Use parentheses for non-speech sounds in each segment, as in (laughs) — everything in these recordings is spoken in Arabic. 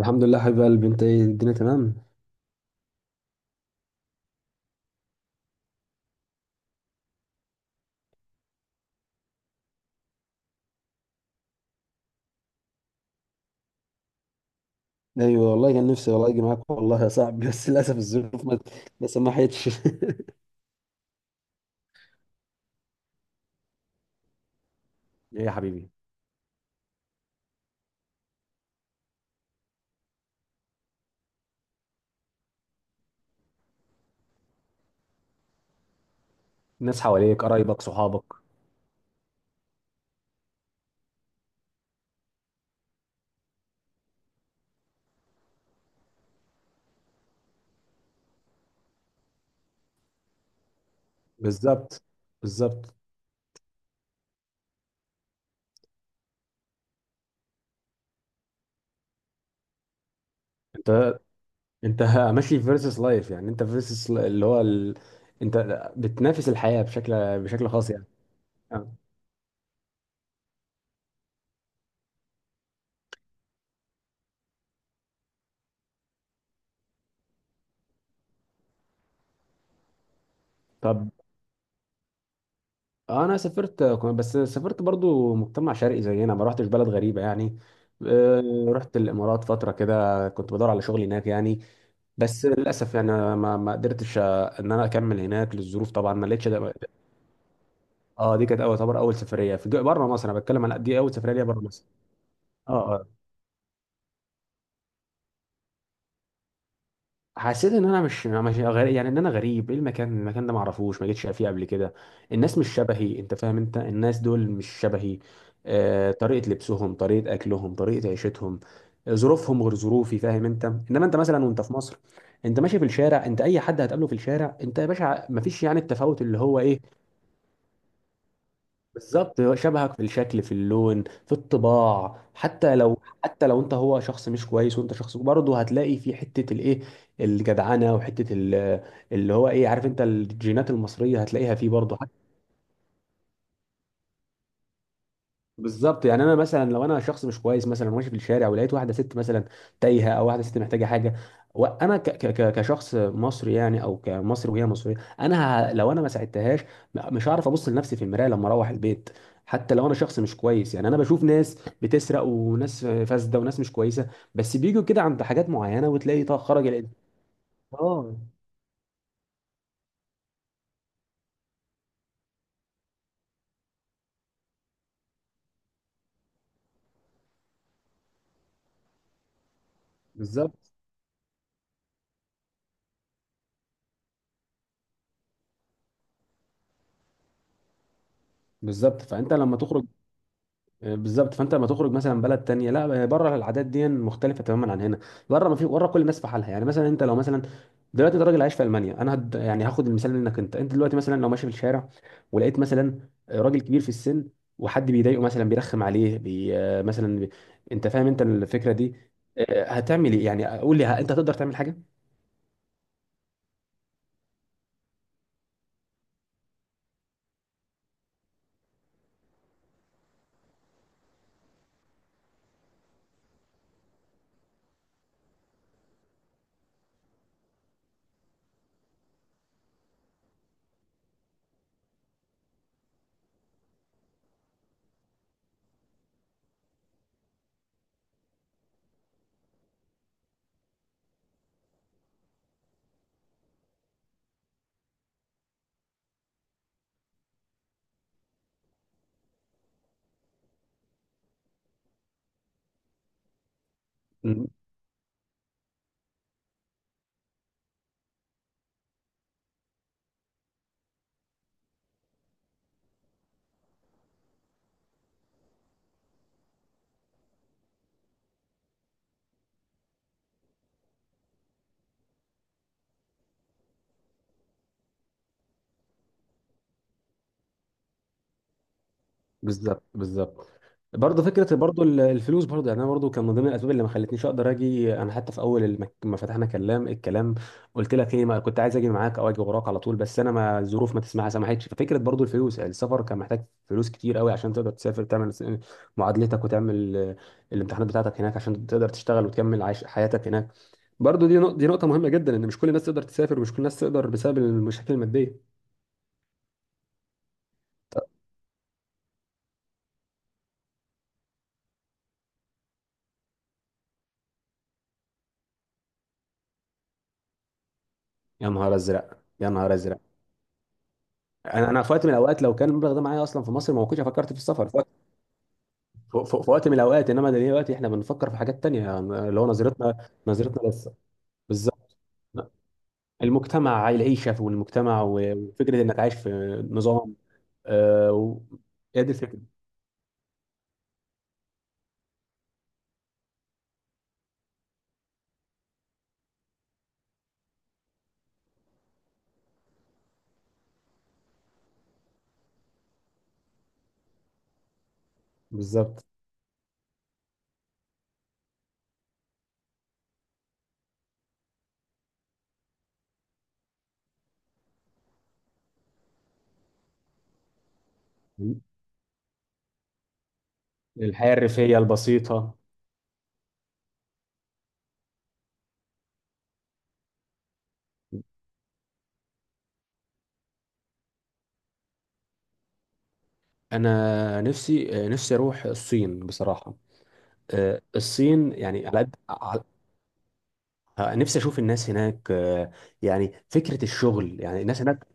الحمد لله، حبيب قلبي. انت ايه؟ الدنيا تمام؟ ايوه والله، كان نفسي والله اجي معاك والله يا صاحبي، بس للاسف الظروف ما سمحتش. (laughs) ايه يا حبيبي؟ الناس حواليك، قرايبك، صحابك. بالظبط، بالظبط. انت انت (laughs) ماشي في فيرسس لايف، يعني انت فيرسس اللي هو انت بتنافس الحياة بشكل خاص يعني. اه. طب، انا سافرت، بس سافرت برضو مجتمع شرقي زينا، ما رحتش بلد غريبة يعني. اه، رحت الامارات فترة كده، كنت بدور على شغل هناك يعني. بس للاسف يعني، أنا ما قدرتش ان انا اكمل هناك للظروف، طبعا ما لقيتش ده. اه، دي كانت اول سفريه في بره مصر، انا بتكلم على دي اول سفريه ليا بره مصر. اه، اه. حسيت ان انا مش غريب، يعني ان انا غريب، ايه؟ المكان ده ما اعرفوش، ما جيتش فيه قبل كده. الناس مش شبهي، انت فاهم؟ انت الناس دول مش شبهي. طريقه لبسهم، طريقه اكلهم، طريقه عيشتهم. ظروفهم غير ظروفي، فاهم انت؟ انما انت مثلا وانت في مصر، انت ماشي في الشارع، انت اي حد هتقابله في الشارع، انت يا باشا ما فيش يعني التفاوت اللي هو ايه. بالظبط، هو شبهك في الشكل، في اللون، في الطباع، حتى لو، حتى لو انت هو شخص مش كويس وانت شخص برضه هتلاقي في حته الايه، الجدعنه، وحته اللي هو ايه، عارف انت؟ الجينات المصريه هتلاقيها فيه برضه. بالظبط، يعني انا مثلا لو انا شخص مش كويس مثلا، ماشي في الشارع ولقيت واحده ست مثلا تايهه، او واحده ست محتاجه حاجه، وانا كشخص مصري يعني، او كمصري وهي مصريه، انا لو انا ما ساعدتهاش، مش هعرف ابص لنفسي في المرايه لما اروح البيت. حتى لو انا شخص مش كويس يعني، انا بشوف ناس بتسرق وناس فاسده وناس مش كويسه، بس بيجوا كده عند حاجات معينه وتلاقي خرج الانسان. اه. بالظبط، بالظبط. فانت لما تخرج، بالظبط، فانت لما تخرج مثلا بلد تانية، لا، بره العادات دي مختلفه تماما عن هنا. بره، ما في بره كل الناس في حالها، يعني مثلا انت لو مثلا دلوقتي انت راجل عايش في المانيا، انا يعني هاخد المثال منك، انت دلوقتي مثلا لو ماشي في الشارع ولقيت مثلا، راجل كبير في السن وحد بيضايقه مثلا، بيرخم عليه مثلا انت فاهم انت الفكره دي؟ هتعمل ايه يعني؟ قول لي، انت هتقدر تعمل حاجه؟ بالظبط، بالظبط. برضه فكره برضه الفلوس برضه، يعني انا برضه كان من ضمن الاسباب اللي ما خلتنيش اقدر اجي انا، حتى في اول ما فتحنا الكلام قلت لك ايه، ما كنت عايز اجي معاك او اجي وراك على طول، بس انا ما الظروف ما تسمح سمحتش. ففكره برضه الفلوس، يعني السفر كان محتاج فلوس كتير قوي عشان تقدر تسافر، تعمل معادلتك وتعمل، الامتحانات بتاعتك هناك عشان تقدر تشتغل وتكمل عيش حياتك هناك. برضه دي نقطه مهمه جدا، ان مش كل الناس تقدر تسافر، ومش كل الناس تقدر بسبب المشاكل الماديه. يا نهار ازرق، يا نهار ازرق! انا في وقت من الاوقات لو كان المبلغ ده معايا اصلا في مصر، ما كنتش فكرت في السفر في وقت، في وقت من الاوقات، انما دلوقتي احنا بنفكر في حاجات تانية يعني، اللي هو نظرتنا لسه. بالظبط. المجتمع، العيشه في المجتمع، وفكره انك عايش في نظام، آه، و- هي دي الفكره. بالظبط. الحياه الريفيه البسيطه. انا نفسي اروح الصين بصراحه. الصين، يعني على قد نفسي اشوف الناس هناك، يعني فكره الشغل، يعني الناس هناك.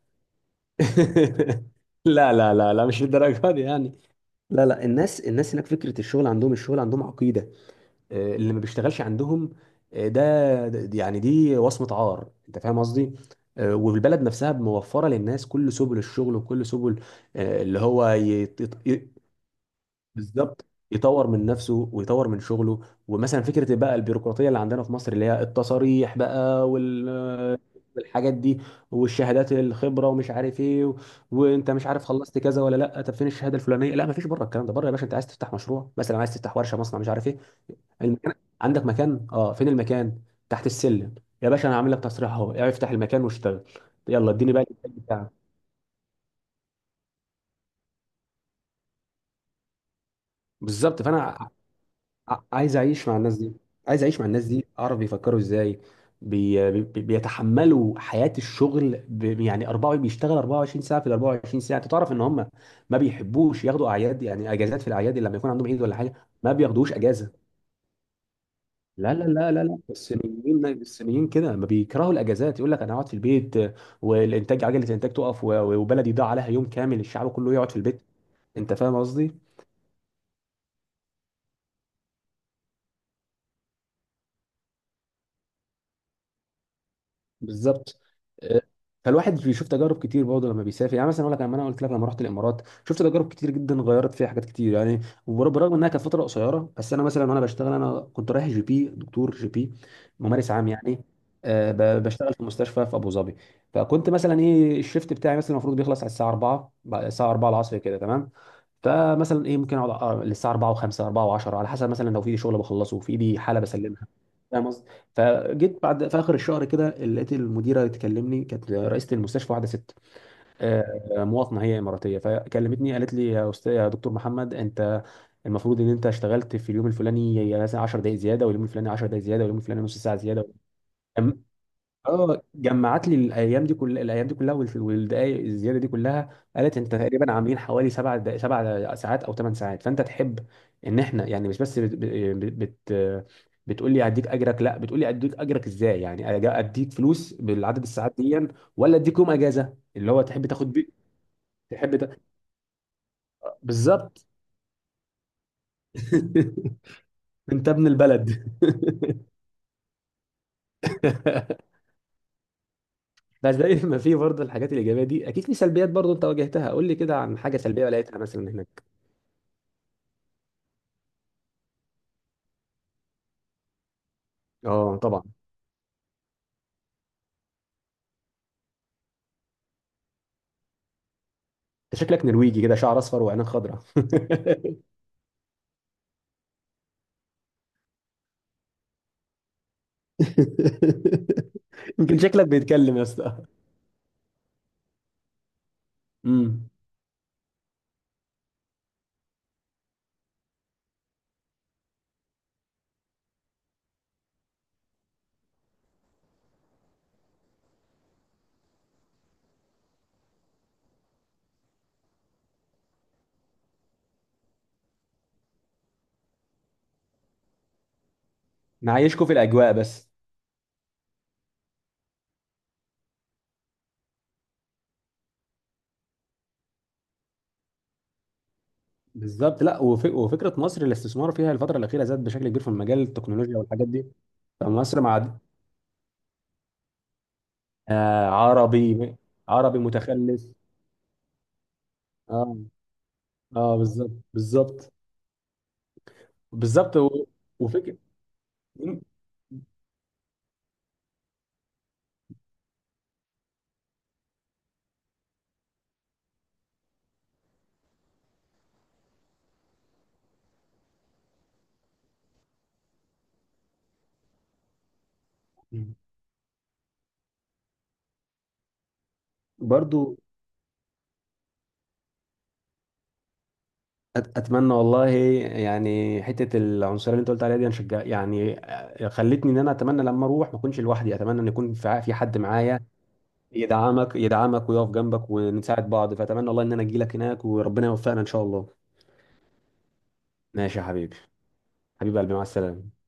(laughs) لا، لا، لا، لا، مش للدرجه دي يعني. لا، لا. الناس هناك فكرة الشغل عندهم، الشغل عندهم عقيدة. اللي ما بيشتغلش عندهم، يعني دي وصمة عار، انت فاهم قصدي؟ والبلد نفسها موفرة للناس كل سبل الشغل وكل سبل، آه، اللي هو بالظبط. يطور من نفسه ويطور من شغله. ومثلا فكره بقى البيروقراطيه اللي عندنا في مصر، اللي هي التصاريح بقى (laughs) والحاجات دي، والشهادات، الخبره، ومش عارف ايه وانت مش عارف خلصت كذا ولا لا، طب فين الشهاده الفلانيه؟ لا، ما فيش بره، الكلام ده بره يا باشا. انت عايز تفتح مشروع مثلا، عايز تفتح ورشه، مصنع، مش عارف ايه، المكان؟ عندك مكان؟ اه، فين المكان؟ تحت السلم. يا باشا انا عامل لك تصريح اهو، افتح المكان واشتغل، يلا اديني بقى الانتاج بتاعك. بالظبط. فانا عايز اعيش مع الناس دي، عايز اعيش مع الناس دي، اعرف بيفكروا ازاي، بيتحملوا حياة الشغل، يعني 4 بيشتغل 24 ساعة في ال 24 ساعة، انت تعرف ان هم ما بيحبوش ياخدوا اعياد، يعني اجازات في الاعياد، اللي لما يكون عندهم عيد ولا حاجة ما بياخدوش اجازة. لا، لا، لا، لا، لا. الصينيين، الصينيين كده ما بيكرهوا الاجازات، يقول لك انا هقعد في البيت والانتاج، عجلة الانتاج تقف، وبلدي ضاع عليها يوم كامل، الشعب كله يقعد في البيت. انت فاهم قصدي؟ بالظبط. آه، فالواحد بيشوف تجارب كتير برضه لما بيسافر، يعني مثلا اقول لك، لما انا قلت لك لما رحت الامارات، شفت تجارب كتير جدا، غيرت فيها حاجات كتير يعني. برغم انها كانت فتره قصيره، بس انا مثلا وانا بشتغل، انا كنت رايح GP، دكتور GP، ممارس عام يعني. بشتغل في مستشفى في ابو ظبي. فكنت مثلا ايه، الشيفت بتاعي مثلا المفروض بيخلص على الساعه 4، الساعه 4 العصر كده، تمام. فمثلا ايه، ممكن اقعد للساعه 4 و5، 4 و10، على حسب، مثلا لو في ايدي شغل بخلصه وفي ايدي حاله بسلمها. فاهم قصدي؟ فجيت بعد في اخر الشهر كده، لقيت المديره تكلمني، كانت رئيسه المستشفى، واحده ست، مواطنه، هي اماراتيه. فكلمتني قالت لي: يا استاذ، يا دكتور محمد، انت المفروض ان انت اشتغلت في اليوم الفلاني مثلا 10 دقائق زياده، واليوم الفلاني 10 دقائق زياده، واليوم الفلاني نص ساعه زياده. اه، جمعت لي الايام دي كلها، الايام دي كلها، والدقائق الزياده دي كلها. قالت انت تقريبا عاملين حوالي 7 ساعات او 8 ساعات، فانت تحب ان احنا يعني، مش بس بت بت بت بتقول لي اديك اجرك، لا، بتقول لي اديك اجرك ازاي، يعني اديك فلوس بالعدد الساعات دي، ولا اديك يوم اجازه اللي هو تحب تاخد بيه. تحب بالظبط. (laughs) انت ابن البلد. (laughs) بس زي ما في برضه الحاجات الايجابيه دي، اكيد في سلبيات برضه انت واجهتها، قول لي كده عن حاجه سلبيه لقيتها مثلا. اه طبعا. انت شكلك نرويجي كده، شعر اصفر وعينك خضراء. (laughs) يمكن شكلك بيتكلم يا اسطى. امم. معايشكوا في الاجواء بس. بالظبط. لا، وفكره مصر، الاستثمار فيها الفتره الاخيره زاد بشكل كبير في مجال التكنولوجيا والحاجات دي. فمصر مع، عربي، عربي متخلف. اه، اه. بالظبط، بالظبط، بالظبط. وفكره برضو. اتمنى والله. يعني حته العنصريه اللي انت قلت عليها دي هنشجع يعني، خلتني ان انا اتمنى لما اروح ما اكونش لوحدي، اتمنى ان يكون في في حد معايا، يدعمك، ويقف جنبك، ونساعد بعض. فاتمنى والله ان انا اجي لك هناك، وربنا يوفقنا ان شاء الله. ماشي يا حبيبي. حبيب قلبي، مع السلامه.